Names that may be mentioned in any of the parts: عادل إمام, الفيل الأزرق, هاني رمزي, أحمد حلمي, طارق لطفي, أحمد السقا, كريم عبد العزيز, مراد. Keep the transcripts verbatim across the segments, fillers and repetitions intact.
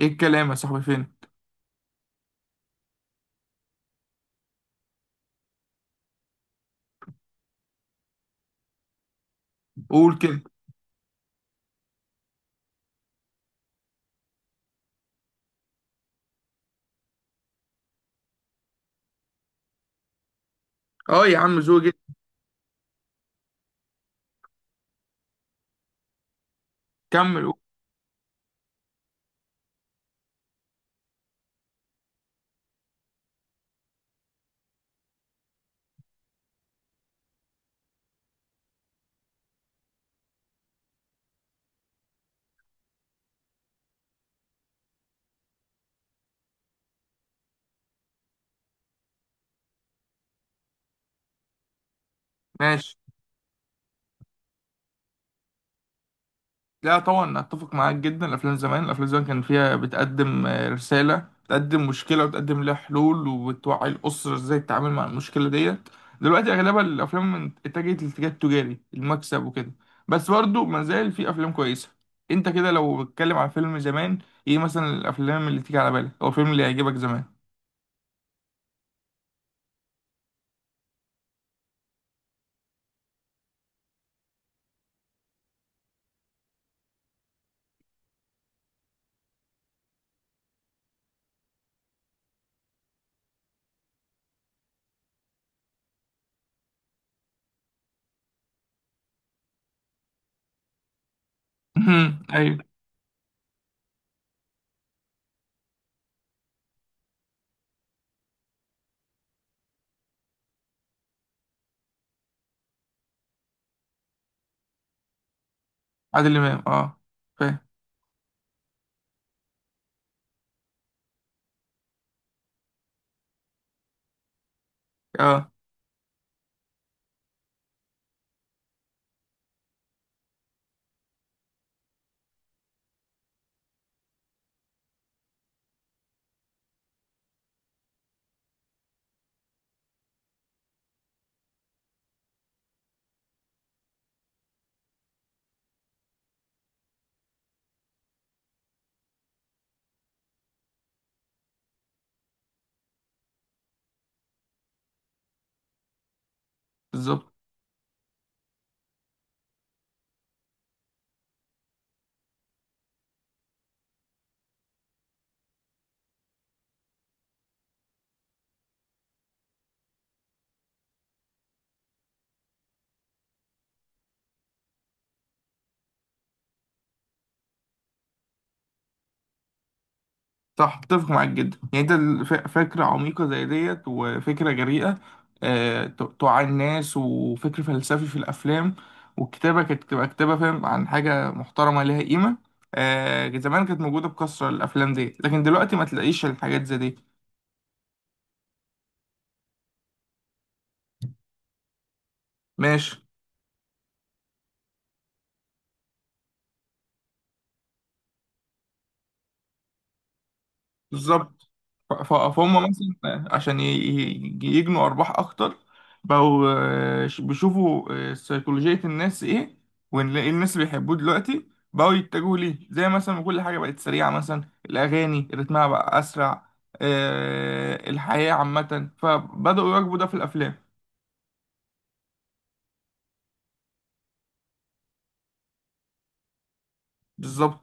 ايه الكلام يا صاحبي، فين؟ قول كده. اه، يا عم، ذوقي جدا. كمل، قول. ماشي. لا طبعا، اتفق معاك جدا. الافلام زمان الافلام زمان كان فيها بتقدم آه، رساله، بتقدم مشكله وبتقدم لها حلول وبتوعي الاسره ازاي تتعامل مع المشكله ديت. دلوقتي اغلبها الافلام من- اتجهت للاتجاه التجاري المكسب وكده. بس برضه ما زال في افلام كويسه. انت كده لو بتتكلم عن فيلم زمان، ايه مثلا الافلام اللي تيجي على بالك او الفيلم اللي يعجبك زمان؟ ايوه. عادل امام، اه. فاهم. اه. بالظبط. صح، اتفق معاك جدا. يعني انت الف- فكرة عميقة زي ديت وفكرة جريئة. آه، ت- توعي الناس وفكر فلسفي في الأفلام. والكتابة كانت تبقى كتابة، فاهم، عن حاجة محترمة ليها قيمة. آه، زمان كانت موجودة بكثرة الأفلام دي، لكن دلوقتي ما تلاقيش الحاجات زي دي. ماشي. بالظبط. ف- ف- فهم مثلا عشان ي- ي- يجنوا أرباح أكتر. بقوا آه، ش- بيشوفوا آه، سيكولوجية الناس إيه. واللي الناس اللي بيحبوه دلوقتي بقوا يتجهوا ليه، زي مثلا ما كل حاجة بقت سريعة، مثلا الأغاني رتمها بقى أسرع. آه، الحياة عامة، فبدأوا يواكبوا ده في الأفلام. بالظبط.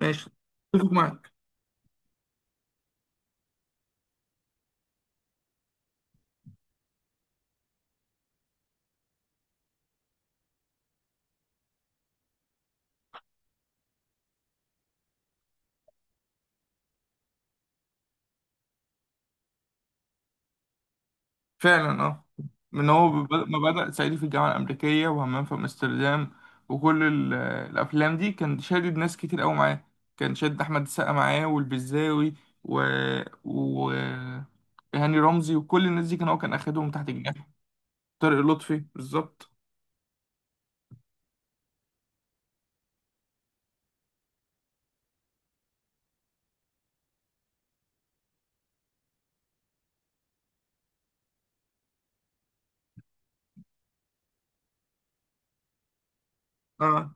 ماشي. اتفق معاك. فعلا، اه. من هو ب- ما بدأ صعيدي في الجامعة الأمريكية وهمام في أمستردام. وكل ال- الأفلام دي كان شادد ناس كتير أوي معاه. كان شادد أحمد السقا معاه والبزاوي و... و... هاني رمزي، وكل الناس دي كان هو كان أخدهم تحت جناحه. طارق لطفي، بالظبط. اه.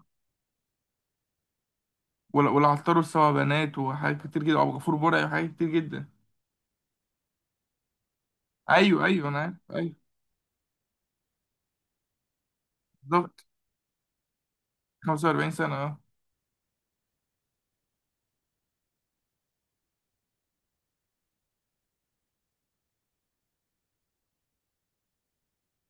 ولا، والعطار والسبع بنات وحاجات كتير جدا، وأبو غفور برعي وحاجات كتير جدا. أيوه، أيوه، أنا عارف، أيوه. بالظبط. خمسة وأربعين سنة، اه.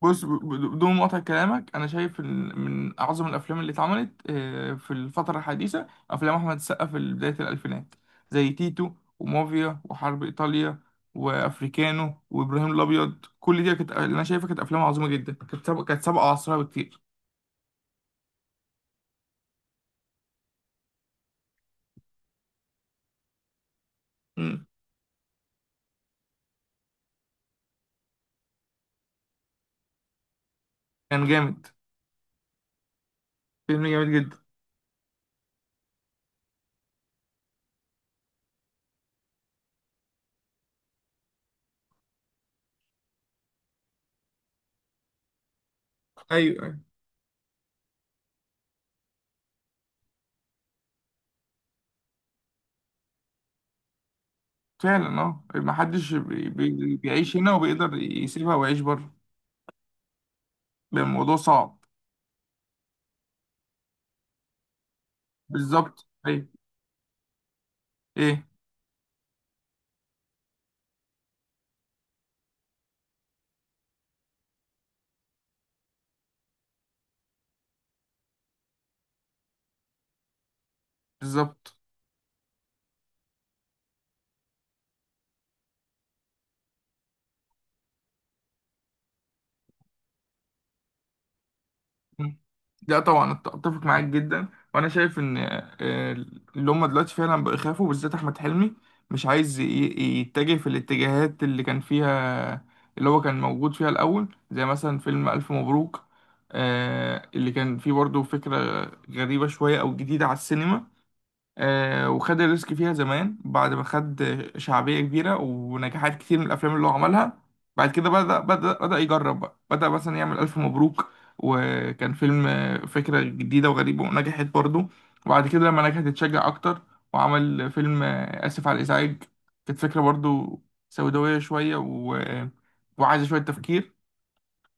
بص، ب- ب- بدون مقاطعة كلامك، أنا شايف إن من أعظم الأفلام اللي اتعملت آه، في الفترة الحديثة أفلام أحمد السقا في بداية الألفينات، زي تيتو ومافيا وحرب إيطاليا وأفريكانو وإبراهيم الأبيض. كل دي كانت اللي أنا شايفها كانت أفلام عظيمة جدا، كانت سابقة كانت سابقة عصرها بكتير. مم. كان جامد. فيلم جامد جدا. أيوه، أيوه، فعلا. أه، محدش بي- بي- بيعيش هنا وبيقدر يسيبها ويعيش بره. بيبقى الموضوع صعب. بالظبط، أيوه. إيه؟ بالظبط. مم. لا طبعا، أت- اتفق معاك جدا. وانا شايف ان آه، اللي هم دلوقتي فعلا بقوا يخافوا، بالذات احمد حلمي. مش عايز ي- ي- يتجه في الاتجاهات اللي كان فيها، اللي هو كان موجود فيها الاول، زي مثلا فيلم الف مبروك. آه، اللي كان فيه برضه فكرة غريبة شوية او جديدة على السينما. آه، وخد الريسك فيها زمان، بعد ما خد شعبية كبيرة ونجاحات كتير من الأفلام اللي هو عملها. بعد كده بدأ بدأ بدأ يجرب بقى، بدأ مثلا يعمل ألف مبروك. وكان فيلم آه، فكرة جديدة وغريبة، ونجحت برضه. وبعد كده لما نجحت اتشجع أكتر، وعمل فيلم آه، آسف على الإزعاج. كانت فكرة برضه سوداوية شوية، و... وعايزة شوية تفكير.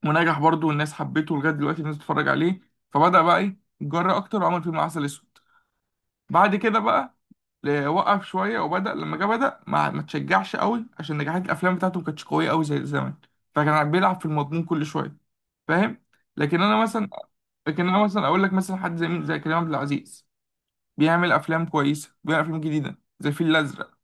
ونجح برضه والناس حبته، لغاية دلوقتي الناس بتتفرج عليه. فبدأ بقى إيه يتجرأ أكتر، وعمل فيلم عسل أسود. بعد كده بقى ل- وقف شويه، وبدا لما جه بدا ما ما تشجعش قوي، عشان نجاحات الافلام بتاعته ما كانتش قويه قوي زي زمان. فكان بيلعب في المضمون كل شويه. فاهم. لكن انا مثلا لكن انا مثلا اقول لك مثلا حد زي مين، زي كريم عبد العزيز. بيعمل افلام كويسه، بيعمل افلام جديده زي الفيل الازرق.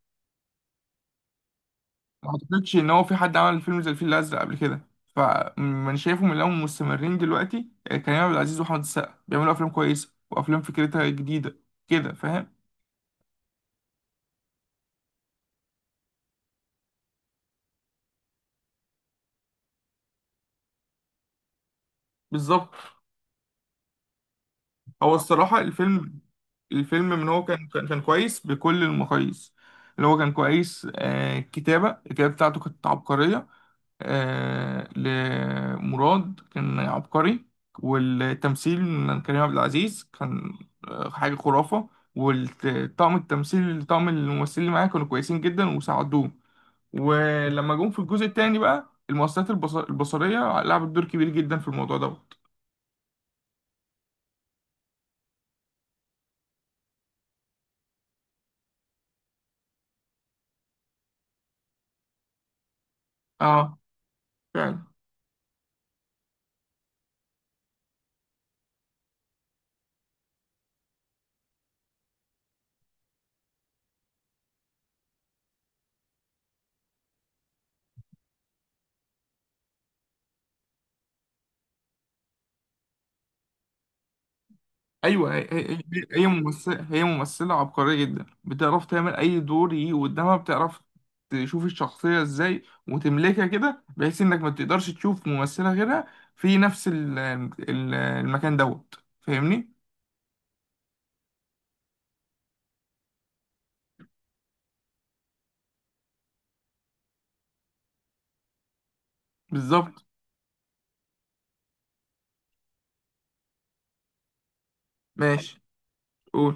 ما اعتقدش ان هو في حد عمل فيلم زي الفيل الازرق قبل كده. فمن شايفهم اللي هم مستمرين دلوقتي آه، كريم عبد العزيز واحمد السقا، بيعملوا افلام كويسه وافلام فكرتها جديده. كده، فاهم. بالظبط. هو الصراحة، الفيلم الفيلم من هو كان كان كان كويس بكل المقاييس. اللي هو كان كويس. آه كتابة الكتابة بتاعته كانت عبقرية. آه لمراد كان عبقري. والتمثيل من كريم عبد العزيز كان آه حاجة خرافة. والطاقم التمثيل طاقم الممثلين اللي معاه كانوا كويسين جدا وساعدوه. ولما جم في الجزء التاني بقى، المؤثرات البص- البصرية لعبت دور كبير جدا في الموضوع دوت. اه، فعلا. ايوه، هي هي هي ممثله هي ممثله عبقريه جدا، بتعرف تعمل اي دور يجي قدامها، بتعرف تشوف الشخصيه ازاي وتملكها كده بحيث انك ما تقدرش تشوف ممثله غيرها في نفس ال- ال- المكان دوت. فاهمني؟ بالظبط. ماشي، قول.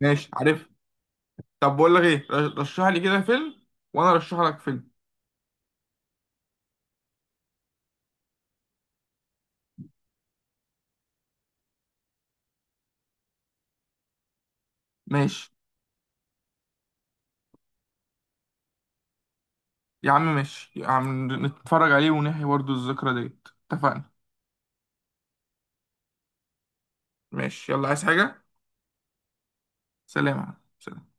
ماشي، عارف. طب، بقول لك ايه، رشح لي كده فيلم، وانا ارشح لك فيلم. ماشي يا عم، ماشي يا عم، نتفرج عليه ونحيي برضه الذكرى ديت، اتفقنا. ماشي، يلا. عايز حاجه؟ سلام يا عم. سلام.